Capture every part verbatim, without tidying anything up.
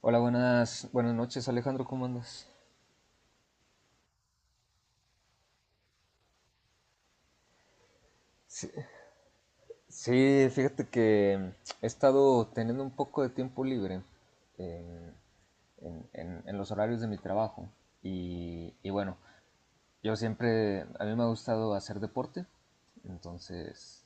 Hola, buenas, buenas noches, Alejandro, ¿cómo andas? Sí, sí, fíjate que mm, he estado teniendo un poco de tiempo libre eh, en, en- en los horarios de mi trabajo y, y bueno, yo siempre, a mí me ha gustado hacer deporte, entonces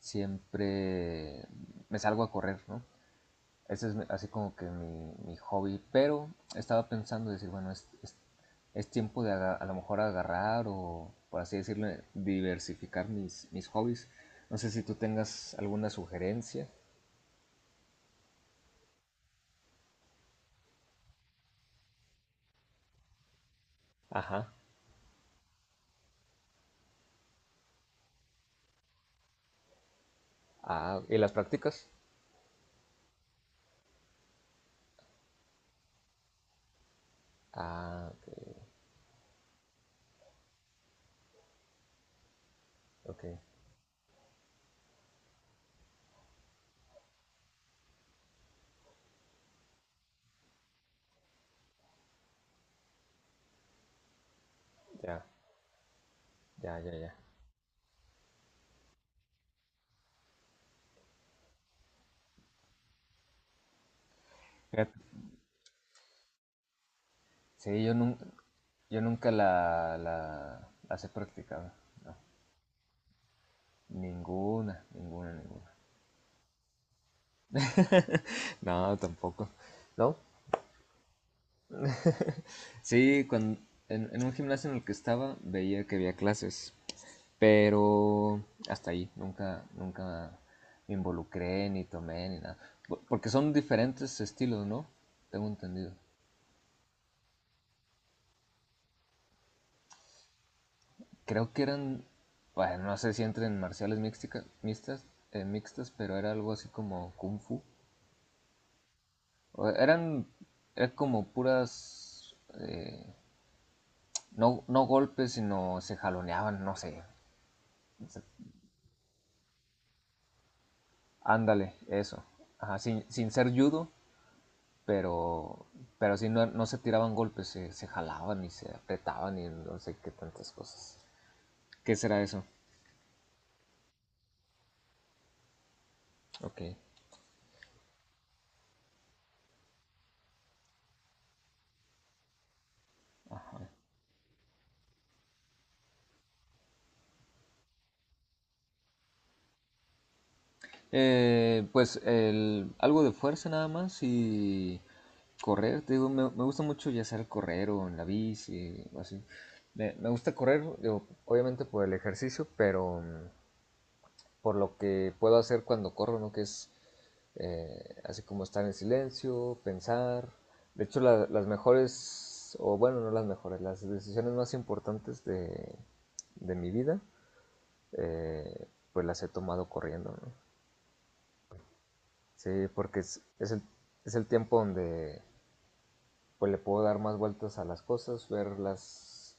siempre me salgo a correr, ¿no? Ese es así como que mi, mi hobby. Pero estaba pensando decir, bueno, es, es, es tiempo de aga- a lo mejor agarrar o, por así decirlo, diversificar mis, mis hobbies. No sé si tú tengas alguna sugerencia. Ajá. Ah, ¿y las prácticas? Ah, ok, ok. Ya, ya, ya, ya. Fíjate, sí, yo nunca, yo nunca la, la, las he practicado. No, ninguna, ninguna, ninguna. No, tampoco. No, sí, cuan- en, en un gimnasio en el que estaba veía que había clases, pero hasta ahí, nunca, nunca me involucré, ni tomé, ni nada. Po- Porque son diferentes estilos, ¿no? Tengo entendido. Creo que eran, bueno, no sé si entran en marciales mixtica- mixtas, eh, mixtas, pero era algo así como kung fu. O eran, eran como puras, eh, no, no golpes, sino se jaloneaban, no sé. Ándale, eso. Ajá, sin, sin ser judo, pero, pero sí no, no se tiraban golpes, se, se jalaban y se apretaban y no sé qué tantas cosas. ¿Qué será eso? Ok. Eh, pues el- algo de fuerza nada más y correr. Te digo, me, me gusta mucho ya sea correr o en la bici o así. Me, me gusta correr, digo, obviamente por el ejercicio, pero... mm, por lo que puedo hacer cuando corro, ¿no? Que es eh, así como estar en silencio, pensar. De hecho, la- las mejores, o bueno, no las mejores, las decisiones más importantes de, de mi vida, eh, pues las he tomado corriendo, ¿no? Sí, porque es, es el, es el tiempo donde pues le puedo dar más vueltas a las cosas, verlas,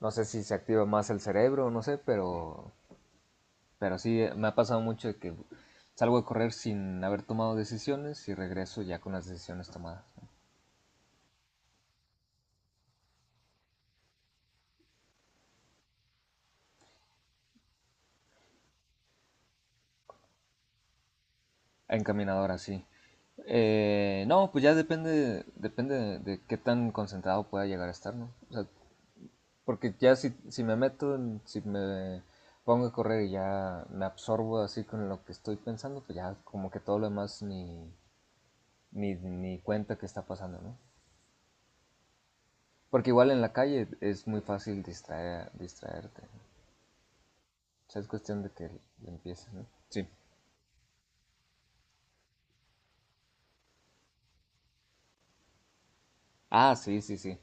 no sé si se activa más el cerebro, no sé, pero Pero sí, eh, me ha pasado mucho de que salgo a correr sin haber tomado decisiones y regreso ya con las decisiones tomadas, ¿no? Encaminadora, sí. Eh, no, pues ya depende, depende de, de qué tan concentrado pueda llegar a estar, ¿no? O sea, porque ya si, si me meto, si me pongo a correr y ya me absorbo así con lo que estoy pensando, pues ya como que todo lo demás ni, ni, ni cuenta que está pasando, ¿no? Porque igual en la calle es muy fácil distraer, distraerte, ¿no? O sea, es cuestión de que le empieces, ¿no? Sí. Ah, sí, sí, sí.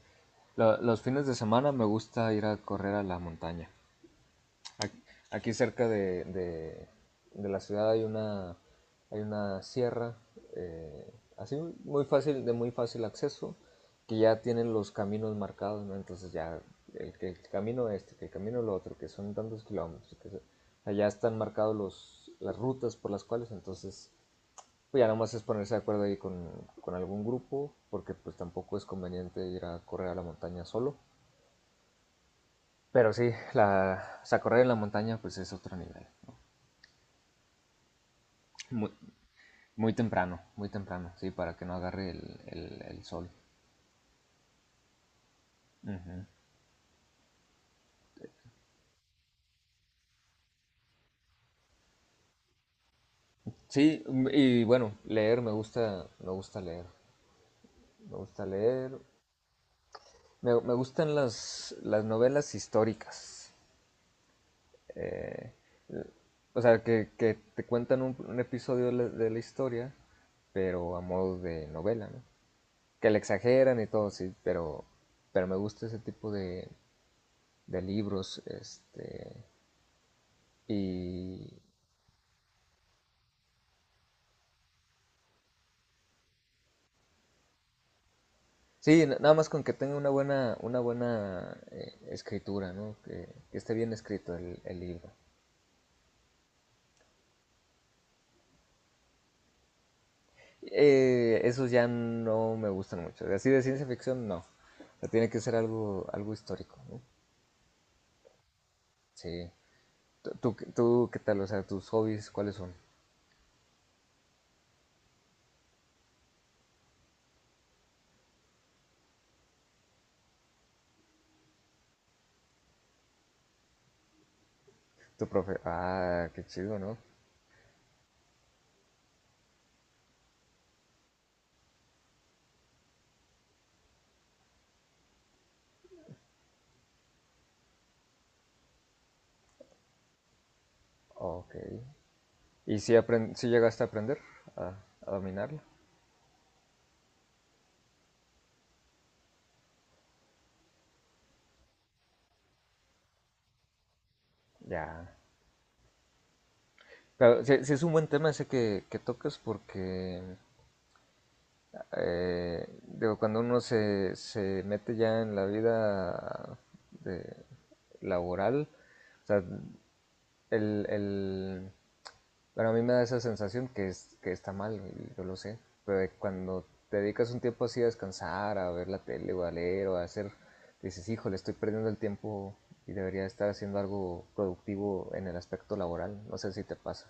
Lo- los fines de semana me gusta ir a correr a la montaña. Ac- Aquí cerca de, de- de la ciudad hay una, hay una sierra, eh, así muy fácil, de muy fácil acceso, que ya tienen los caminos marcados, ¿no? Entonces ya el, que el camino este, que el camino lo otro, que son tantos kilómetros, que se- allá están marcados los, las rutas por las cuales, entonces pues ya nomás es ponerse de acuerdo ahí con, con algún grupo, porque pues tampoco es conveniente ir a correr a la montaña solo. Pero sí, la, o sea, correr en la montaña pues es otro nivel, ¿no? Muy, muy temprano, muy temprano, sí, para que no agarre el, el- el sol. Ujú. Sí, mm, y bueno, leer, me gusta, me gusta leer, me gusta leer. Me, me gustan las, las novelas históricas. Eh, O sea, que, que te cuentan un, un episodio de la, de la historia, pero a modo de novela, ¿no? Que le exageran y todo, sí, pero, pero me gusta ese tipo de, de libros, este, y sí, n- nada más con que tenga una buena, una buena eh, escritura, ¿no? Que, que esté bien escrito el, el libro. Eh, esos ya no me gustan mucho, así de ciencia ficción no. O sea, tiene que ser algo, algo histórico, ¿no? Sí. Tú, tú, tú, ¿qué tal? O sea, tus hobbies, ¿cuáles son? Tu profe. Ah, qué chido, ¿no? Ok. ¿Y si, apren- si llegaste a aprender a, a dominarlo? Ya. Claro, sí, sí es un buen tema ese que, que tocas porque, eh, digo, cuando uno se, se mete ya en la vida de- laboral, o sea, el, el, pero a mí me da esa sensación que, es, que está mal, y yo lo sé. Pero de cuando te dedicas un tiempo así a descansar, a ver la tele o a leer o a hacer, dices, híjole, estoy perdiendo el tiempo y debería estar haciendo algo productivo en el aspecto laboral. No sé si te pasa.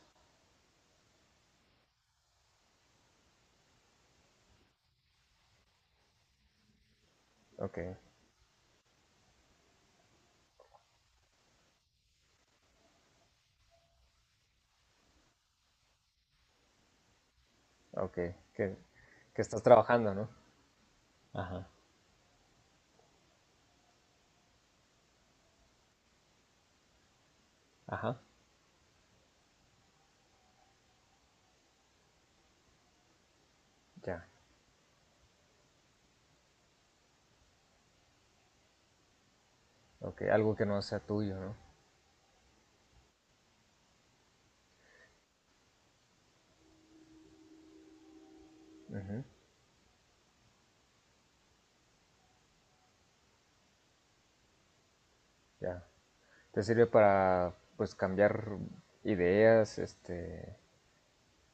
Ok, ok, que, que estás trabajando, ¿no? Ajá, ajá, ya. Ok, algo que no sea tuyo, ¿no? Ujú, ya. Te sirve para, pues, cambiar ideas, este,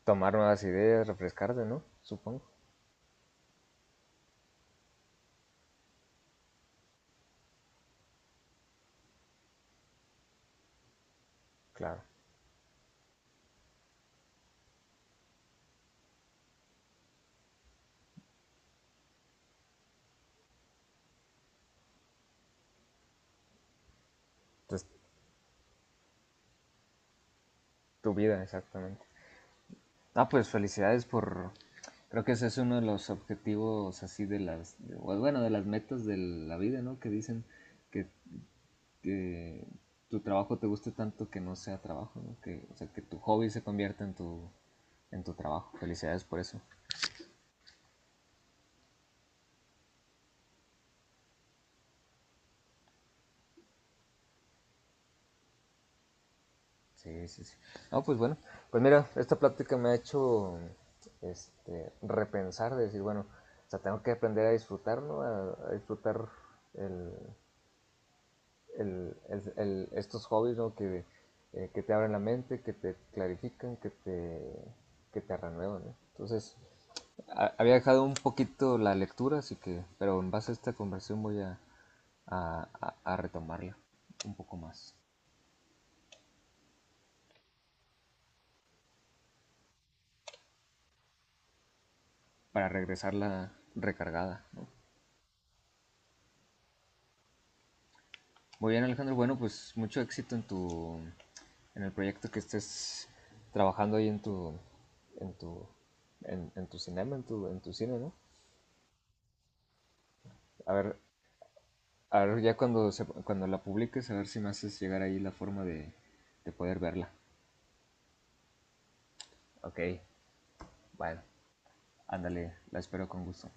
tomar nuevas ideas, refrescarte, ¿no? Supongo. Claro. Entonces, tu vida, exactamente. Ah, pues felicidades por... Creo que ese es uno de los objetivos así de las... de- bueno, de las metas de la vida, ¿no? Que dicen que, que tu trabajo te guste tanto que no sea trabajo, ¿no? Que, o sea, que tu hobby se convierta en tu, en tu trabajo. Felicidades por eso. Sí, sí, sí. No, pues bueno, pues mira, esta plática me ha hecho este, repensar, de decir, bueno, o sea, tengo que aprender a disfrutar, ¿no? A, a disfrutar el, el- el- el- estos hobbies, ¿no? Que, eh, que te abren la mente, que te clarifican, que te, que te renuevan, ¿no? Entonces, a- había dejado un poquito la lectura, así que, pero en base a esta conversación voy a, a, a- a retomarla un poco más, para regresarla recargada, ¿no? Muy bien, Alejandro. Bueno, pues mucho éxito en tu, en el proyecto que estés trabajando ahí en tu, en tu, en, en tu cinema, en tu, en tu cine, ¿no? A ver, a ver ya cuando se, cuando la publiques, a ver si me haces llegar ahí la forma de, de poder verla. Ok, bueno, ándale, la espero con gusto.